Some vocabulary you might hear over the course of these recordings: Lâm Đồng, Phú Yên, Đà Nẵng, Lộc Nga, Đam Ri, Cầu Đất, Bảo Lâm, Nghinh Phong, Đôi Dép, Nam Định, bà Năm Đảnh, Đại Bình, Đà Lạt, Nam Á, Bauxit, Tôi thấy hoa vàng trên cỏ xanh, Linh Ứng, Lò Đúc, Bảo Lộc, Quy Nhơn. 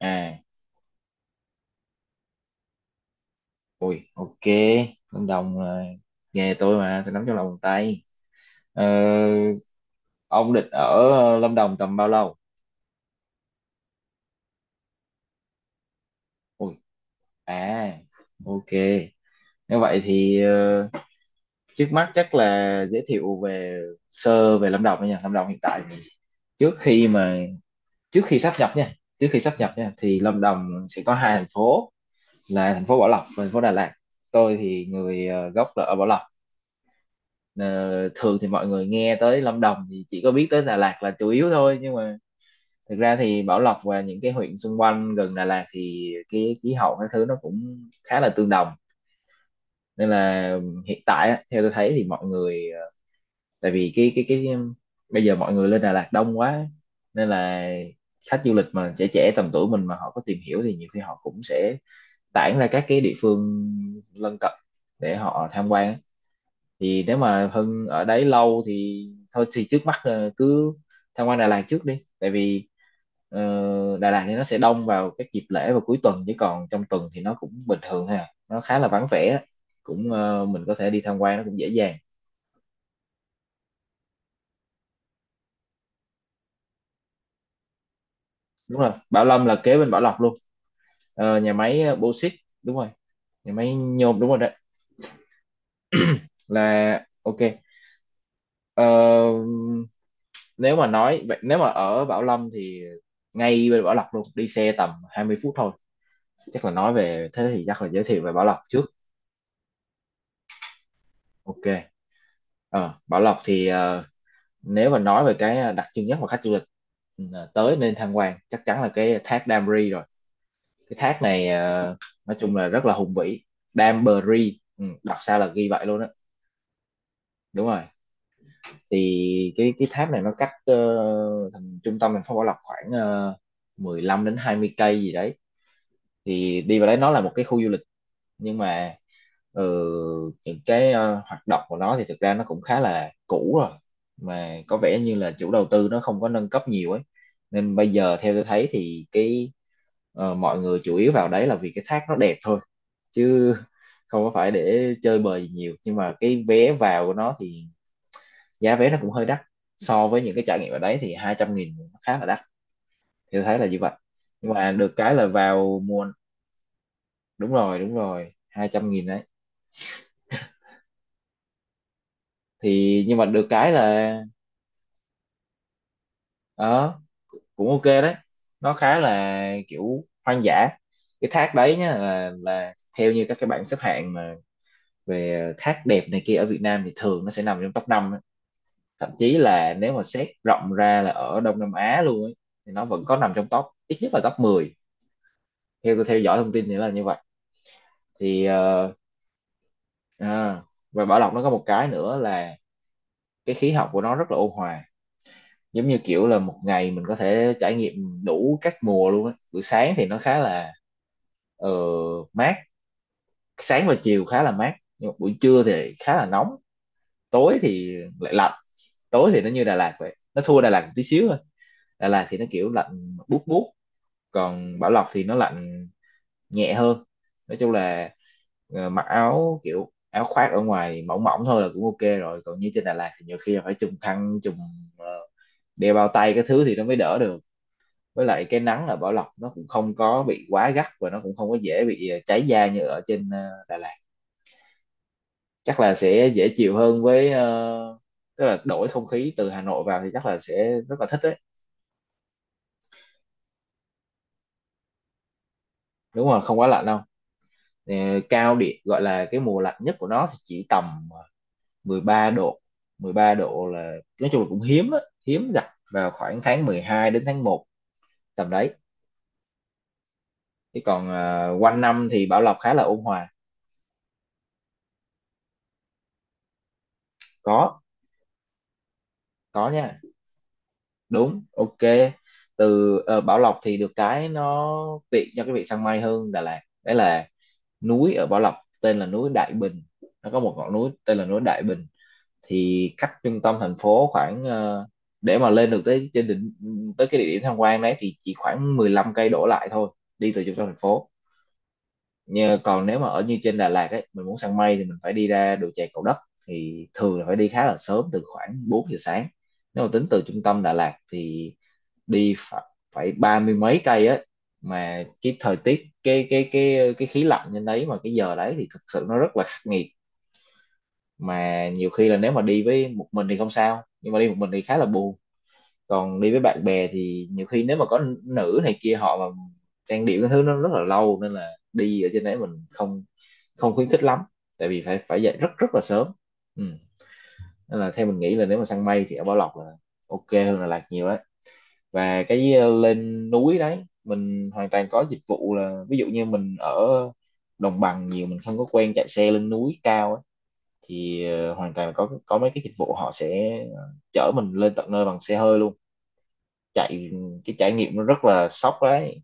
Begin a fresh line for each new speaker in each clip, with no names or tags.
À, ui, ok. Lâm Đồng là nghề tôi mà tôi nắm trong lòng bàn tay. ờ, ông định ở Lâm Đồng tầm bao lâu? Ui, à, ok. Nếu vậy thì trước mắt chắc là giới thiệu về sơ về Lâm Đồng đó nha. Lâm Đồng hiện tại thì trước khi mà trước khi sáp nhập nha, thì Lâm Đồng sẽ có hai thành phố là thành phố Bảo Lộc và thành phố Đà Lạt. Tôi thì người gốc là ở Bảo Lộc. Ờ, thường thì mọi người nghe tới Lâm Đồng thì chỉ có biết tới Đà Lạt là chủ yếu thôi, nhưng mà thực ra thì Bảo Lộc và những cái huyện xung quanh gần Đà Lạt thì cái khí hậu các thứ nó cũng khá là tương đồng. Nên là hiện tại á, theo tôi thấy thì mọi người tại vì cái bây giờ mọi người lên Đà Lạt đông quá nên là khách du lịch mà trẻ trẻ tầm tuổi mình mà họ có tìm hiểu thì nhiều khi họ cũng sẽ tản ra các cái địa phương lân cận để họ tham quan á. Thì nếu mà Hưng ở đấy lâu thì thôi thì trước mắt cứ tham quan Đà Lạt trước đi. Tại vì Đà Lạt thì nó sẽ đông vào các dịp lễ và cuối tuần, chứ còn trong tuần thì nó cũng bình thường ha, nó khá là vắng vẻ, cũng mình có thể đi tham quan nó cũng dễ dàng. Đúng rồi, Bảo Lâm là kế bên Bảo Lộc luôn. Ờ, nhà máy Bauxit, đúng rồi, nhà máy nhôm đúng rồi đấy. Là ok. Ờ, nếu mà nói vậy, nếu mà ở Bảo Lâm thì ngay bên Bảo Lộc luôn, đi xe tầm 20 phút thôi. Chắc là nói về thế thì chắc là giới thiệu về Bảo Lộc trước. Ok. Ờ, Bảo Lộc thì nếu mà nói về cái đặc trưng nhất mà khách du lịch tới nên tham quan chắc chắn là cái thác Đam Ri rồi. Cái thác này nói chung là rất là hùng vĩ. Đam Bờ Ri, ừ, đọc sao là ghi vậy luôn á. Đúng rồi. Thì cái thác này nó cách thành trung tâm thành phố Bảo Lộc khoảng 15 đến 20 cây gì đấy. Thì đi vào đấy nó là một cái khu du lịch, nhưng mà ừ, những cái hoạt động của nó thì thực ra nó cũng khá là cũ rồi, mà có vẻ như là chủ đầu tư nó không có nâng cấp nhiều ấy. Nên bây giờ theo tôi thấy thì cái mọi người chủ yếu vào đấy là vì cái thác nó đẹp thôi, chứ không có phải để chơi bời gì nhiều. Nhưng mà cái vé vào của nó thì giá vé nó cũng hơi đắt, so với những cái trải nghiệm ở đấy thì 200.000 nó khá là đắt, thì tôi thấy là như vậy. Nhưng mà được cái là vào mua. Đúng rồi, đúng rồi, 200.000. Thì nhưng mà được cái là ờ, cũng ok đấy, nó khá là kiểu hoang dã. Cái thác đấy nhá, là theo như các cái bảng xếp hạng mà về thác đẹp này kia ở Việt Nam thì thường nó sẽ nằm trong top 5. Thậm chí là nếu mà xét rộng ra là ở Đông Nam Á luôn ấy, thì nó vẫn có nằm trong top ít nhất là top 10, theo tôi theo dõi thông tin thì là như vậy. Thì ờ, à, và Bảo Lộc nó có một cái nữa là cái khí hậu của nó rất là ôn hòa, giống như kiểu là một ngày mình có thể trải nghiệm đủ các mùa luôn á. Buổi sáng thì nó khá là ờ, mát, sáng và chiều khá là mát, nhưng mà buổi trưa thì khá là nóng, tối thì lại lạnh. Tối thì nó như Đà Lạt vậy, nó thua Đà Lạt một tí xíu thôi. Đà Lạt thì nó kiểu lạnh buốt buốt, còn Bảo Lộc thì nó lạnh nhẹ hơn. Nói chung là mặc áo kiểu áo khoác ở ngoài mỏng mỏng thôi là cũng ok rồi. Còn như trên Đà Lạt thì nhiều khi là phải trùm khăn, trùm ờ, đeo bao tay cái thứ thì nó mới đỡ được. Với lại cái nắng ở Bảo Lộc nó cũng không có bị quá gắt, và nó cũng không có dễ bị cháy da như ở trên Đà Lạt. Chắc là sẽ dễ chịu hơn với tức là đổi không khí từ Hà Nội vào thì chắc là sẽ rất là thích đấy. Đúng rồi, không quá lạnh đâu. Ờ, cao điểm gọi là cái mùa lạnh nhất của nó thì chỉ tầm 13 độ. 13 độ là nói chung là cũng hiếm á, hiếm gặp, vào khoảng tháng 12 đến tháng 1, tầm đấy. Chứ còn ờ, quanh năm thì Bảo Lộc khá là ôn hòa. có có nha, đúng, ok. Từ Bảo Lộc thì được cái nó tiện cho cái việc săn mây hơn Đà Lạt đấy, là núi ở Bảo Lộc tên là núi Đại Bình. Nó có một ngọn núi tên là núi Đại Bình. Thì cách trung tâm thành phố khoảng ờ, để mà lên được tới trên đỉnh, tới cái địa điểm tham quan đấy thì chỉ khoảng 15 cây đổ lại thôi, đi từ trung tâm thành phố. Nhờ, còn nếu mà ở như trên Đà Lạt ấy, mình muốn săn mây thì mình phải đi ra đồi chè Cầu Đất, thì thường là phải đi khá là sớm, từ khoảng 4 giờ sáng. Nếu mà tính từ trung tâm Đà Lạt thì đi phải, phải 30 mấy cây á. Mà cái thời tiết cái khí lạnh trên đấy mà cái giờ đấy thì thực sự nó rất là khắc nghiệt. Mà nhiều khi là nếu mà đi với một mình thì không sao, nhưng mà đi một mình thì khá là buồn. Còn đi với bạn bè thì nhiều khi nếu mà có nữ này kia họ mà trang điểm cái thứ nó rất là lâu, nên là đi ở trên đấy mình không không khuyến khích lắm, tại vì phải phải dậy rất rất là sớm. Ừ. Nên là theo mình nghĩ là nếu mà săn mây thì ở Bảo Lộc là ok hơn là Lạc nhiều đấy. Và cái lên núi đấy mình hoàn toàn có dịch vụ, là ví dụ như mình ở đồng bằng nhiều, mình không có quen chạy xe lên núi cao ấy, thì hoàn toàn là có mấy cái dịch vụ họ sẽ chở mình lên tận nơi bằng xe hơi luôn chạy. Cái trải nghiệm nó rất là sốc đấy.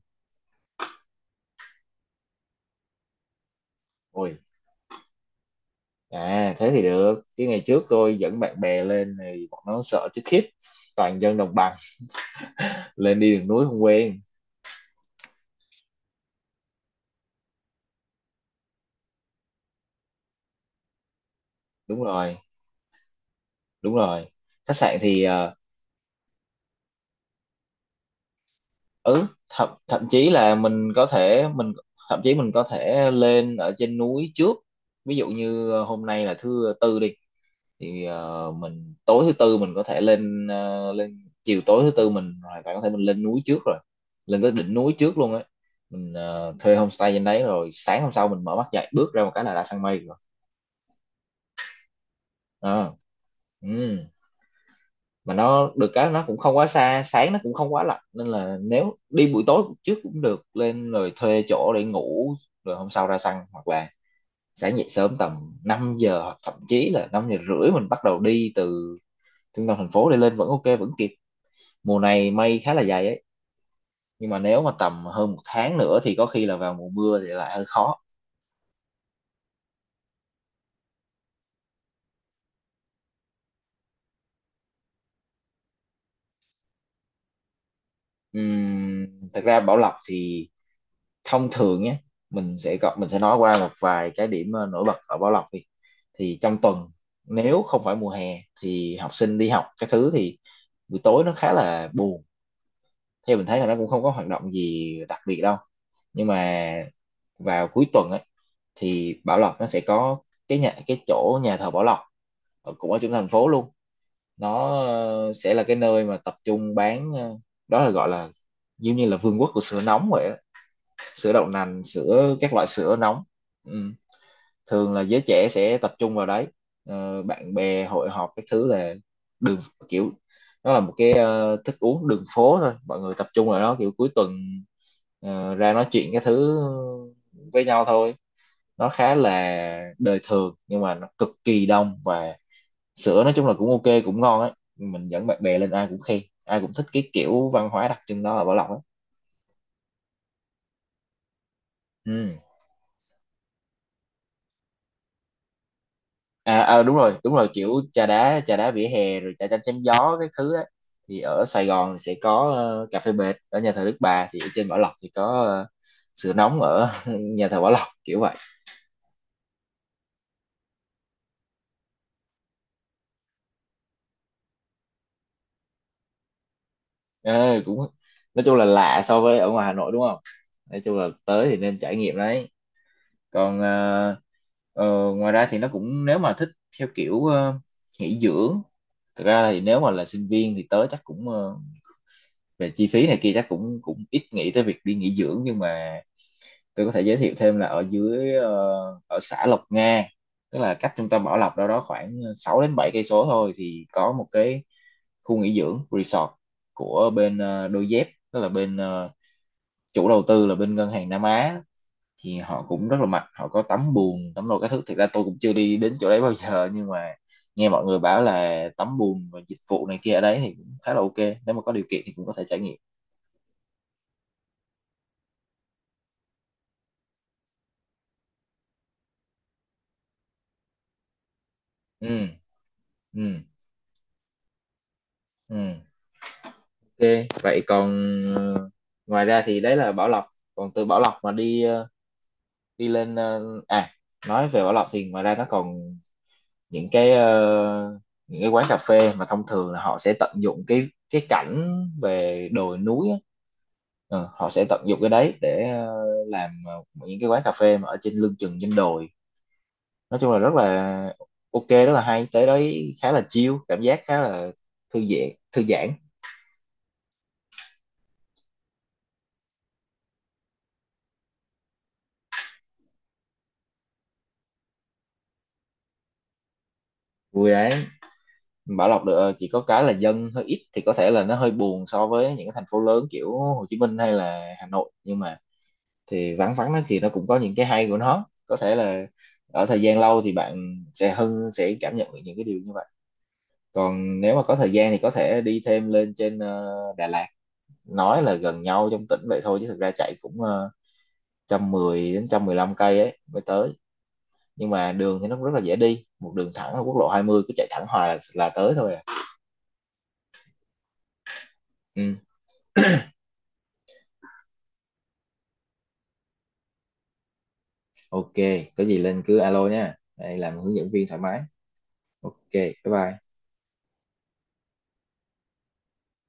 Ui à, thế thì được. Chứ ngày trước tôi dẫn bạn bè lên thì bọn nó sợ chết khiếp, toàn dân đồng bằng lên đi đường núi không quen. Đúng rồi, đúng rồi. Khách sạn thì ờ, ừ, thậm thậm chí là mình có thể mình thậm chí mình có thể lên ở trên núi trước. Ví dụ như hôm nay là thứ tư đi, thì mình tối thứ tư mình có thể lên ờ, lên chiều tối thứ tư mình hoàn toàn có thể mình lên núi trước rồi, lên tới đỉnh núi trước luôn ấy. Mình thuê homestay trên đấy, rồi sáng hôm sau mình mở mắt dậy bước ra một cái là đã sang mây rồi. Ờ, ừ. Mà nó được cái nó cũng không quá xa, sáng nó cũng không quá lạnh, nên là nếu đi buổi tối trước cũng được, lên rồi thuê chỗ để ngủ, rồi hôm sau ra săn. Hoặc là sẽ dậy sớm tầm 5 giờ hoặc thậm chí là 5 giờ rưỡi, mình bắt đầu đi từ trung tâm thành phố để lên vẫn ok, vẫn kịp. Mùa này mây khá là dày ấy, nhưng mà nếu mà tầm hơn một tháng nữa thì có khi là vào mùa mưa thì lại hơi khó. Ừm, Thật ra Bảo Lộc thì thông thường nhé, mình sẽ nói qua một vài cái điểm nổi bật ở Bảo Lộc đi. Thì trong tuần, nếu không phải mùa hè thì học sinh đi học cái thứ, thì buổi tối nó khá là buồn, theo mình thấy là nó cũng không có hoạt động gì đặc biệt đâu. Nhưng mà vào cuối tuần ấy thì Bảo Lộc nó sẽ có cái chỗ nhà thờ Bảo Lộc, cũng ở trung tâm thành phố luôn. Nó sẽ là cái nơi mà tập trung bán, đó là gọi là giống như là vương quốc của sữa nóng vậy á. Sữa đậu nành, sữa, các loại sữa nóng. Ừ, thường là giới trẻ sẽ tập trung vào đấy. Bạn bè hội họp cái thứ là đường, kiểu nó là một cái thức uống đường phố thôi, mọi người tập trung vào đó kiểu cuối tuần, ra nói chuyện cái thứ với nhau thôi. Nó khá là đời thường nhưng mà nó cực kỳ đông, và sữa nói chung là cũng ok, cũng ngon ấy. Mình dẫn bạn bè lên ai cũng khen, ai cũng thích cái kiểu văn hóa đặc trưng đó ở Bảo Lộc ấy. Ừ. À, à, đúng rồi, đúng rồi, kiểu trà đá, trà đá vỉa hè rồi trà chanh chém gió cái thứ á. Thì ở Sài Gòn thì sẽ có cà phê bệt ở nhà thờ Đức Bà, thì ở trên Bảo Lộc thì có sữa nóng ở nhà thờ Bảo Lộc kiểu vậy. Ờ, Cũng nói chung là lạ so với ở ngoài Hà Nội đúng không. Nói chung là tới thì nên trải nghiệm đấy. Còn ờ, ngoài ra thì nó cũng, nếu mà thích theo kiểu nghỉ dưỡng, thực ra thì nếu mà là sinh viên thì tới chắc cũng, về chi phí này kia chắc cũng cũng ít nghĩ tới việc đi nghỉ dưỡng. Nhưng mà tôi có thể giới thiệu thêm là ở dưới, ở xã Lộc Nga, tức là cách trung tâm Bảo Lộc đâu đó khoảng 6 đến 7 cây số thôi, thì có một cái khu nghỉ dưỡng resort của bên Đôi Dép, tức là bên, chủ đầu tư là bên ngân hàng Nam Á. Thì họ cũng rất là mạnh, họ có tắm bùn, tắm đồ các thứ. Thực ra tôi cũng chưa đi đến chỗ đấy bao giờ, nhưng mà nghe mọi người bảo là tắm bùn và dịch vụ này kia ở đấy thì cũng khá là ok, nếu mà có điều kiện thì cũng có thể trải nghiệm. Ừ, ừ, ừ. Ok. Vậy còn ờ, ngoài ra thì đấy là Bảo Lộc. Còn từ Bảo Lộc mà đi, đi lên, à, nói về Bảo Lộc thì ngoài ra nó còn những cái ờ, những cái quán cà phê mà thông thường là họ sẽ tận dụng cái cảnh về đồi núi á. Họ sẽ tận dụng cái đấy để làm những cái quán cà phê mà ở trên lưng chừng trên đồi. Nói chung là rất là ok, rất là hay. Tới đấy khá là chill, cảm giác khá là thư giãn, thư giãn. Vui đấy. Bảo Lộc được, chỉ có cái là dân hơi ít thì có thể là nó hơi buồn so với những cái thành phố lớn kiểu Hồ Chí Minh hay là Hà Nội, nhưng mà thì vắng vắng nó thì nó cũng có những cái hay của nó. Có thể là ở thời gian lâu thì bạn sẽ cảm nhận được những cái điều như vậy. Còn nếu mà có thời gian thì có thể đi thêm lên trên, Đà Lạt. Nói là gần nhau trong tỉnh vậy thôi chứ thực ra chạy cũng, 110 đến 115 cây ấy mới tới. Nhưng mà đường thì nó cũng rất là dễ đi, một đường thẳng ở quốc lộ 20, cứ chạy thẳng hoài là tới thôi à. Ừ. Ok, có gì lên cứ alo nha, đây làm hướng dẫn viên thoải mái. Ok, bye bye.